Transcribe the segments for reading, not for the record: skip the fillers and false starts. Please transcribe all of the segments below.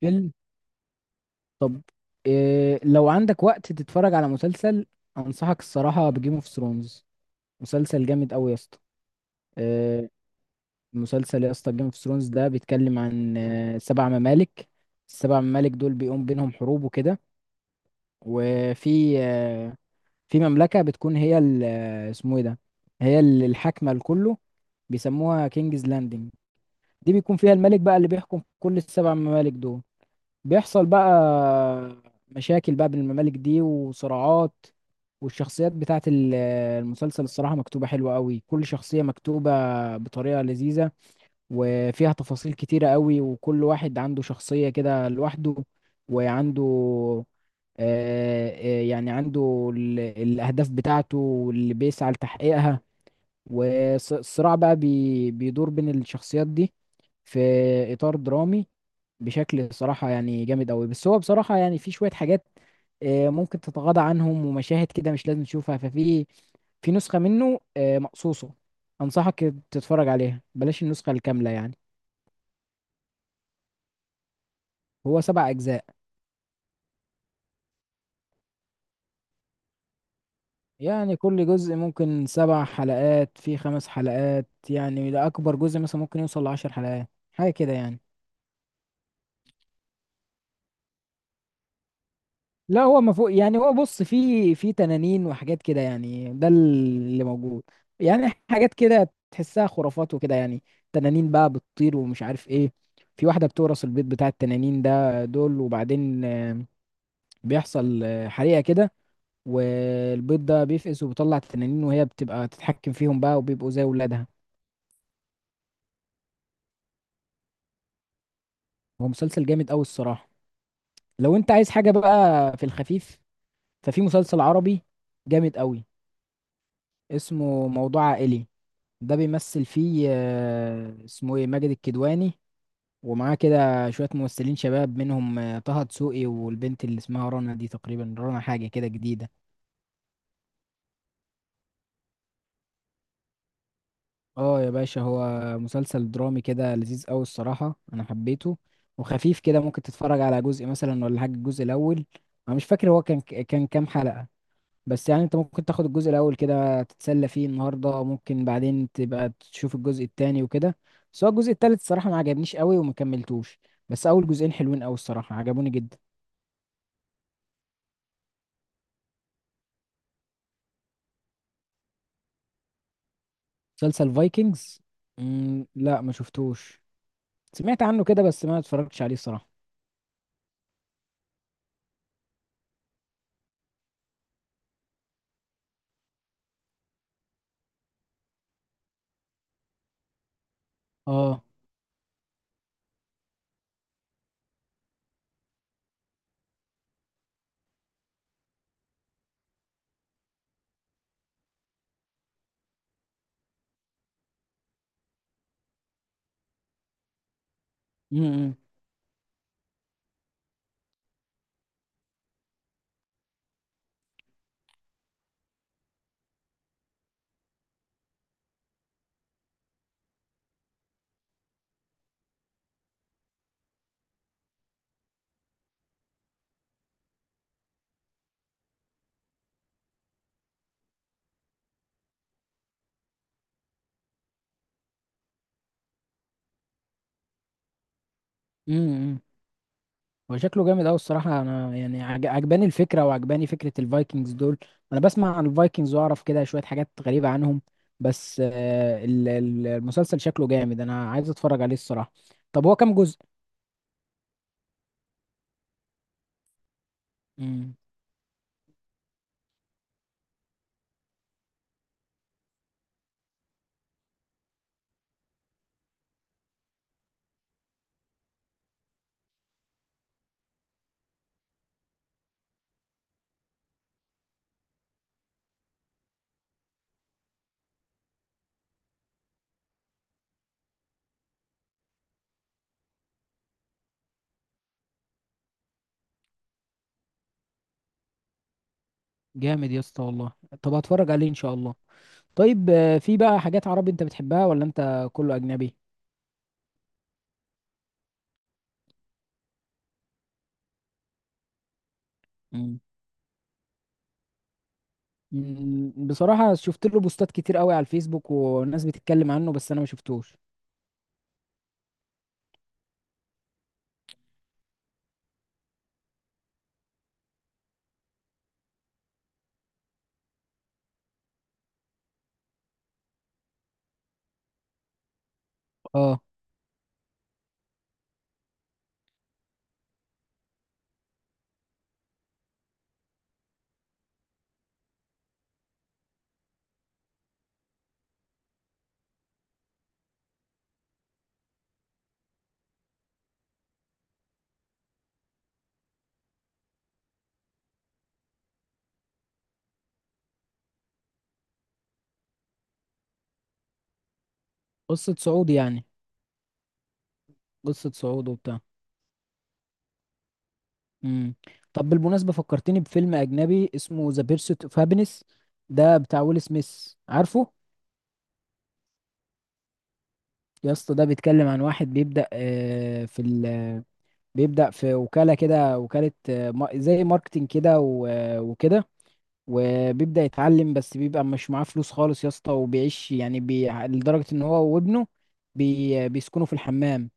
فيلم. طب، إيه لو عندك وقت تتفرج على مسلسل؟ انصحك الصراحه بجيم اوف ثرونز. مسلسل جامد قوي يا اسطى. إيه؟ مسلسل يا اسطى، جيم اوف ثرونز ده بيتكلم عن سبع ممالك. السبع ممالك دول بيقوم بينهم حروب وكده. وفي آه، في مملكه بتكون هي اسمه ايه ده؟ هي الحاكمه لكله. بيسموها كينجز لاندنج. دي بيكون فيها الملك بقى اللي بيحكم كل السبع ممالك دول. بيحصل بقى مشاكل بقى بين الممالك دي وصراعات. والشخصيات بتاعت المسلسل الصراحة مكتوبة حلوة قوي، كل شخصية مكتوبة بطريقة لذيذة. وفيها تفاصيل كتيرة قوي، وكل واحد عنده شخصية كده لوحده وعنده، يعني عنده الأهداف بتاعته واللي بيسعى لتحقيقها. والصراع بقى بيدور بين الشخصيات دي، في إطار درامي، بشكل صراحة يعني جامد أوي. بس هو بصراحة يعني في شوية حاجات ممكن تتغاضى عنهم، ومشاهد كده مش لازم تشوفها. ففي نسخة منه مقصوصة. أنصحك تتفرج عليها، بلاش النسخة الكاملة يعني. هو سبع أجزاء. يعني كل جزء ممكن سبع حلقات في خمس حلقات يعني، ده أكبر جزء مثلا ممكن يوصل لـ10 حلقات حاجة كده يعني. لا هو ما فوق يعني، هو بص، في تنانين وحاجات كده يعني ده اللي موجود. يعني حاجات كده تحسها خرافات وكده يعني. تنانين بقى بتطير ومش عارف ايه. في واحدة بتورث البيت بتاع التنانين ده دول، وبعدين بيحصل حريقة كده. والبيض ده بيفقس وبيطلع التنانين، وهي بتبقى تتحكم فيهم بقى وبيبقوا زي ولادها. هو مسلسل جامد قوي الصراحة. لو انت عايز حاجة بقى في الخفيف، ففي مسلسل عربي جامد قوي. اسمه موضوع عائلي. ده بيمثل فيه اسمه ايه، ماجد الكدواني. ومعاه كده شوية ممثلين شباب، منهم طه دسوقي، والبنت اللي اسمها رنا دي، تقريبا رنا حاجة كده جديدة. اه يا باشا، هو مسلسل درامي كده لذيذ قوي الصراحة، انا حبيته. وخفيف كده، ممكن تتفرج على جزء مثلا ولا حاجة، الجزء الاول. انا مش فاكر هو كان كام حلقة. بس يعني انت ممكن تاخد الجزء الاول كده تتسلى فيه النهارده، ممكن بعدين تبقى تشوف الجزء التاني وكده. بس هو الجزء التالت الصراحه ما عجبنيش قوي وما كملتوش. بس اول جزئين حلوين قوي الصراحه، عجبوني جدا. مسلسل فايكنجز؟ مم، لا، ما شفتوش. سمعت عنه كده بس ما اتفرجتش عليه الصراحه. اه. امم. امم. هو شكله جامد قوي الصراحه، انا يعني عجباني الفكره، وعجباني فكره الفايكنجز دول. انا بسمع عن الفايكنجز واعرف كده شويه حاجات غريبه عنهم. بس المسلسل شكله جامد، انا عايز اتفرج عليه الصراحه. طب هو كام جزء؟ امم. جامد يا اسطى والله. طب هتفرج عليه ان شاء الله. طيب، في بقى حاجات عربي انت بتحبها ولا انت كله اجنبي؟ امم. أمم، بصراحه شفت له بوستات كتير قوي على الفيسبوك، وناس بتتكلم عنه، بس انا ما شفتوش. اه. قصه صعود يعني. قصه صعود وبتاع. مم. طب، بالمناسبة فكرتني بفيلم أجنبي اسمه ذا بيرسوت اوف هابينس. ده بتاع ويل سميث، عارفه؟ يا اسطى، ده بيتكلم عن واحد بيبدأ في وكالة كده. وكالة، زي ماركتينج كده، وكده. وبيبدأ يتعلم، بس بيبقى مش معاه فلوس خالص يا اسطى، وبيعيش يعني، لدرجة ان هو وابنه بيسكنوا في الحمام.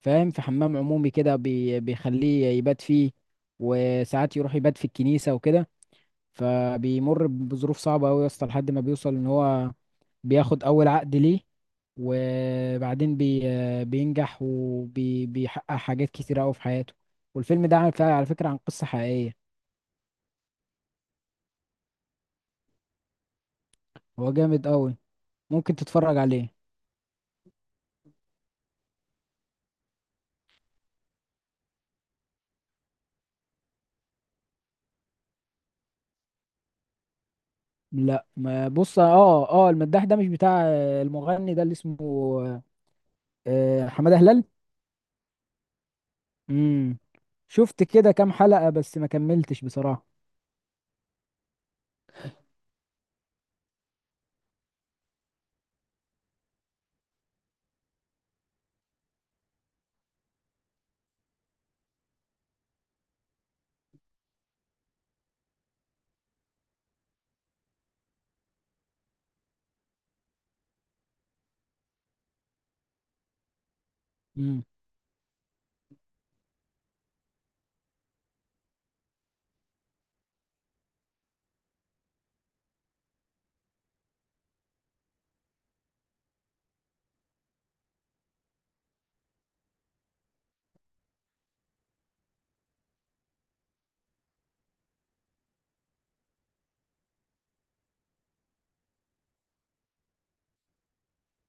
فاهم، في حمام عمومي كده بيخليه يبات فيه. وساعات يروح يبات في الكنيسة وكده. فبيمر بظروف صعبة أوي يا اسطى، لحد ما بيوصل إن هو بياخد أول عقد ليه. وبعدين بينجح وبيحقق حاجات كتيرة أوي في حياته. والفيلم ده على فكرة عن قصة حقيقية. هو جامد أوي. ممكن تتفرج عليه. لا ما بص. اه، اه، المداح ده مش بتاع المغني ده اللي اسمه حمادة هلال؟ امم. شفت كده كام حلقة بس ما كملتش بصراحة.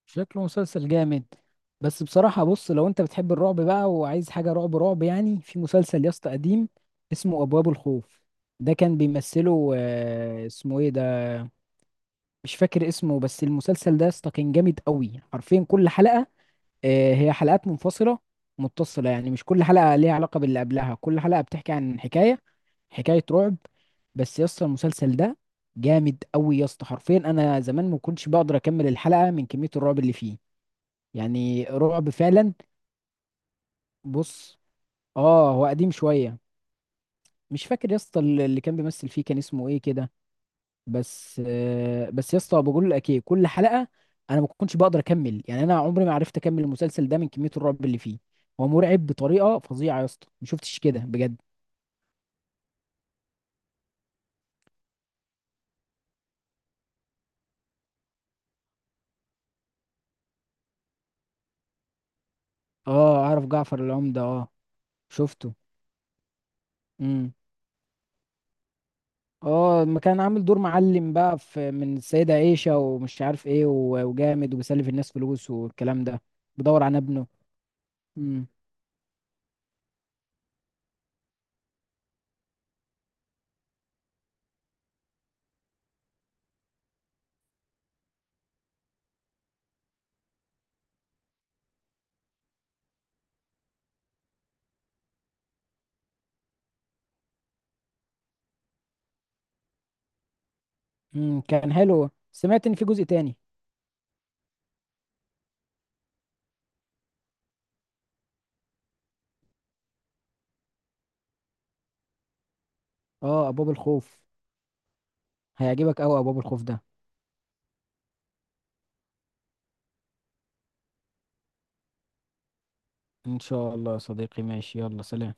شكله مسلسل جامد. بس بصراحة بص، لو انت بتحب الرعب بقى وعايز حاجة رعب رعب يعني، في مسلسل يا اسطى قديم. اسمه أبواب الخوف. ده كان بيمثله اسمه ايه ده، مش فاكر اسمه. بس المسلسل ده يا اسطى كان جامد قوي، حرفيا كل حلقة، هي حلقات منفصلة متصلة يعني. مش كل حلقة ليها علاقة باللي قبلها، كل حلقة بتحكي عن حكاية، حكاية رعب. بس يا اسطى، المسلسل ده جامد قوي يا اسطى، حرفيا انا زمان ما كنتش بقدر اكمل الحلقة من كمية الرعب اللي فيه. يعني رعب فعلا. بص. اه هو قديم شويه. مش فاكر يا اسطى اللي كان بيمثل فيه كان اسمه ايه كده. بس يا اسطى بقول لك ايه، كل حلقه انا ما كنتش بقدر اكمل يعني، انا عمري ما عرفت اكمل المسلسل ده من كميه الرعب اللي فيه. هو مرعب بطريقه فظيعه يا اسطى، ما شفتش كده بجد. اه، اعرف جعفر العمده اه. شفته. امم. اه، ما كان عامل دور معلم بقى في من السيده عيشه ومش عارف ايه، وجامد وبيسلف الناس فلوس والكلام ده. بدور عن ابنه. امم، كان حلو، سمعت ان في جزء تاني. اه، ابواب الخوف. هيعجبك قوي ابواب الخوف ده. ان شاء الله يا صديقي، ماشي، يلا سلام.